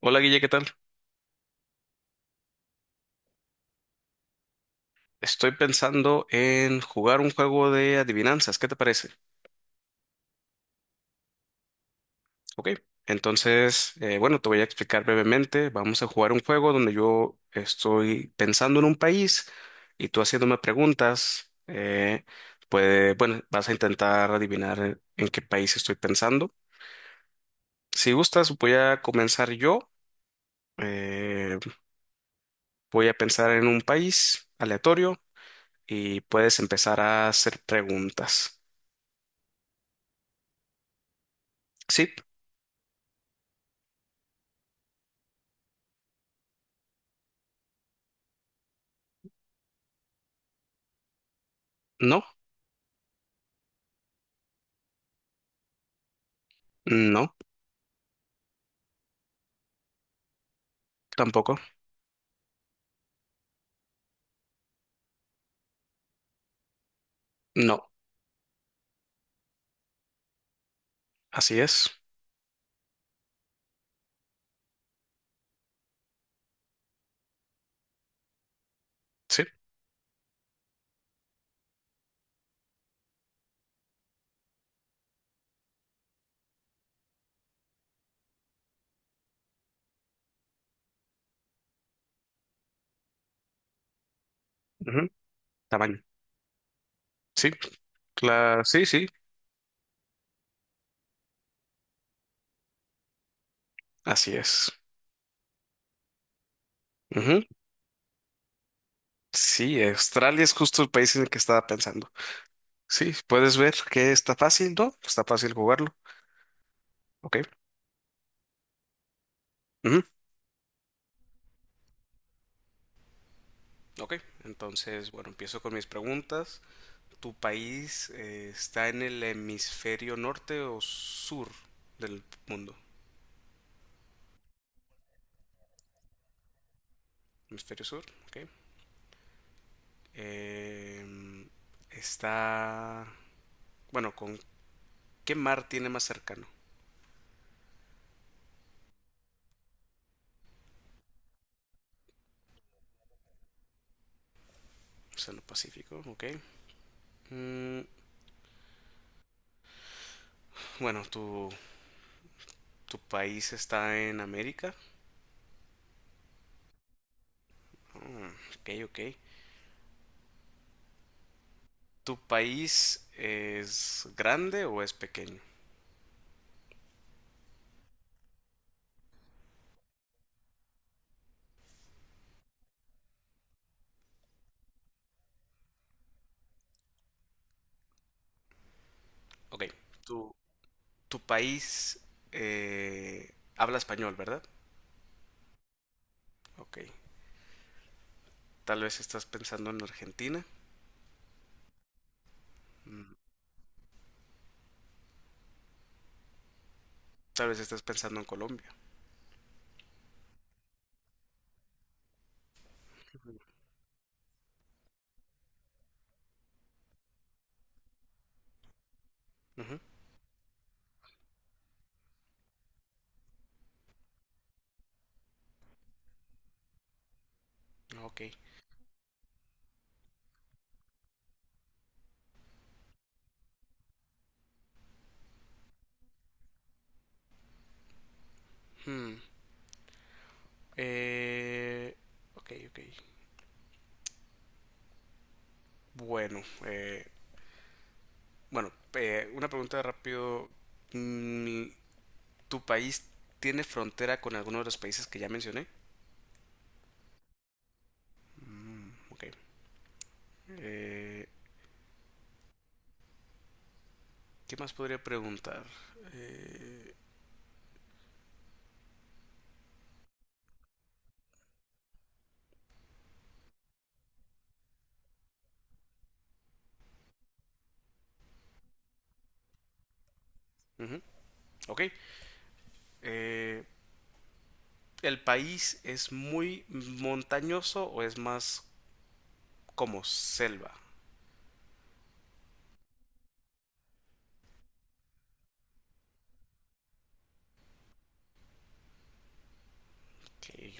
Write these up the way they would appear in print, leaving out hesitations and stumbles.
Hola Guille, ¿qué tal? Estoy pensando en jugar un juego de adivinanzas, ¿qué te parece? Ok, entonces, bueno, te voy a explicar brevemente. Vamos a jugar un juego donde yo estoy pensando en un país y tú haciéndome preguntas. Puede, bueno, vas a intentar adivinar en qué país estoy pensando. Si gustas, voy a comenzar yo. Eh, Voy a pensar en un país aleatorio y puedes empezar a hacer preguntas. ¿Sí? ¿No? No. Tampoco. No. Así es. Sí. Ujú. Tamaño. Sí. Sí, sí. Así es. Ujú. Sí, Australia es justo el país en el que estaba pensando. Sí, puedes ver que está fácil, ¿no? Está fácil jugarlo. Ok. Ujú. Ok, entonces, bueno, empiezo con mis preguntas. ¿Tu país está en el hemisferio norte o sur del mundo? Hemisferio sur, ok. Em, Está, bueno, ¿con qué mar tiene más cercano? Océano Pacífico, ok. Mm, bueno, tu país está en América. Ah, ok, ok. ¿Tu país es grande o es pequeño? Ok. Tu, Tu país habla español, ¿verdad? Ok. Tal vez estás pensando en Argentina. Mm, tal vez estás pensando en Colombia. Ujú, ok. Hmm, eh, ok, ok. Bueno, bueno, una pregunta rápido. Mm, ¿tu país tiene frontera con alguno de los países que ya mencioné? Mm, ok. Eh, ¿Qué más podría preguntar? Eh, Ujú, ok. Eh, ¿El país es muy montañoso o es más como selva? Ok.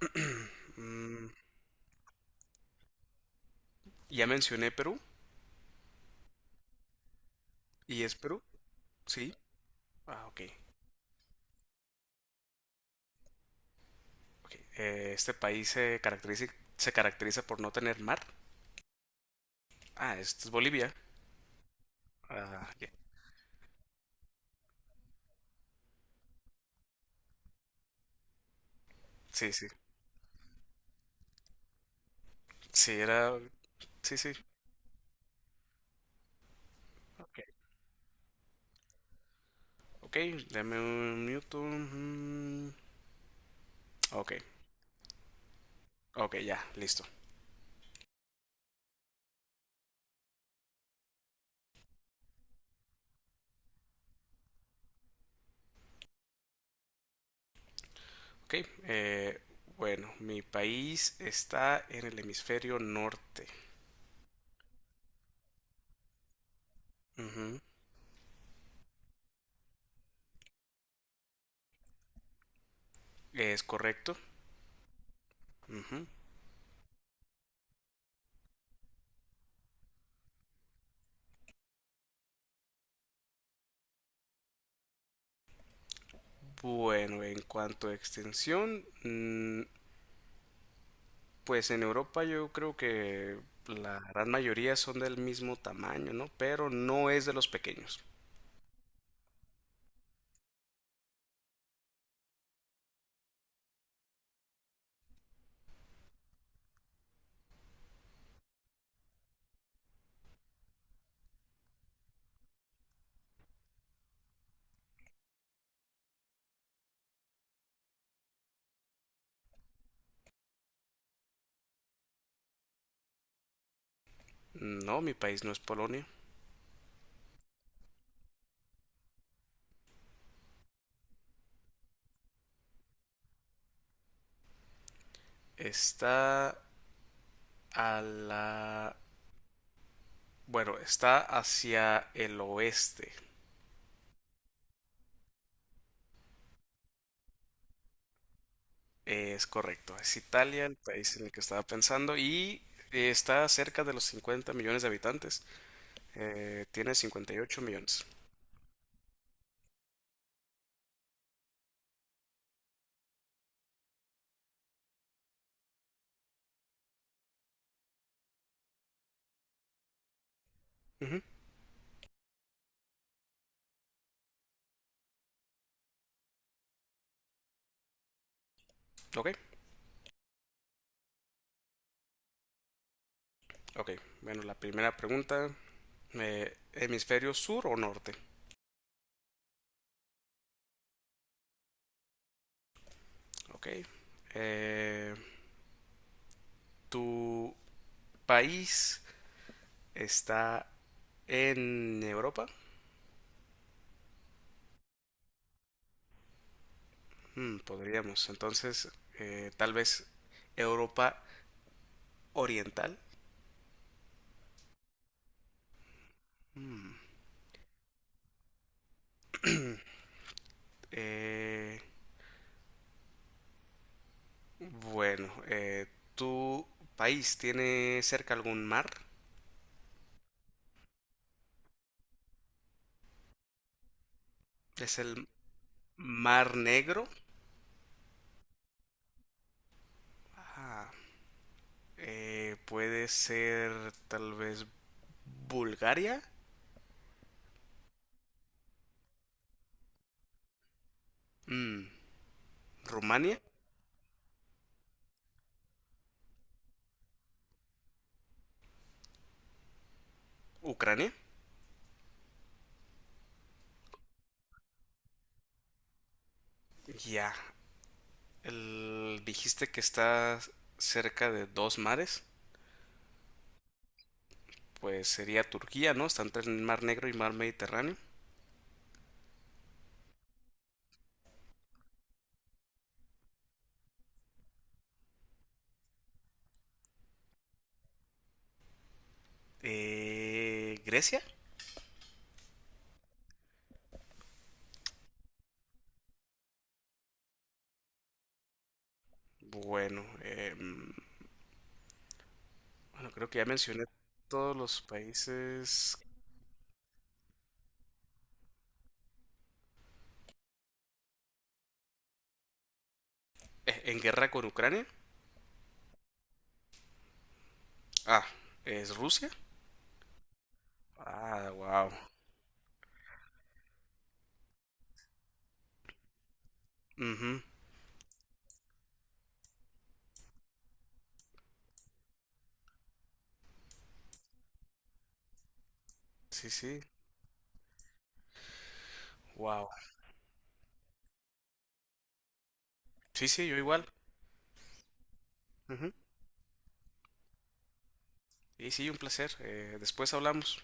Mm, ya mencioné Perú. ¿Y es Perú? Sí. Ah, ok. Ok. Este país se caracteriza por no tener mar. Ah, esto es Bolivia. Ah, ya. Sí, sí. Sí, era... Sí, sí. Ok, dame un minuto. Mm, ok, ok, ya, listo. Ok, eh, bueno, mi país está en el hemisferio norte. Ujú, es correcto. Ujú. Bueno, en cuanto a extensión, mm, pues en Europa yo creo que la gran mayoría son del mismo tamaño, ¿no? Pero no es de los pequeños. No, mi país no es Polonia. Está a la Bueno, está hacia el oeste. Es correcto. Es Italia, el país en el que estaba pensando, y está cerca de los 50 millones de habitantes. Tiene 58 millones. Ujú, ok, ok. Bueno, la primera pregunta. ¿Hemisferio sur o norte? Ok. Eh, ¿Tu país está en Europa? Mm, podríamos. Entonces, tal vez Europa Oriental. Mm, Eh, bueno, ¿tu país tiene cerca algún mar? ¿Es el Mar Negro? Ah, puede ser tal vez Bulgaria, mm, Rumania, Ucrania. Ya, dijiste que está cerca de dos mares. Pues sería Turquía, ¿no? Está entre el Mar Negro y Mar Mediterráneo. ¿Grecia? Bueno, bueno, creo que ya mencioné todos los países en guerra con Ucrania. Ah, es Rusia. Ah, wow. Ujú, sí, sí. Wow. Sí, sí, yo igual. Ujú. Y sí, un placer. Después hablamos.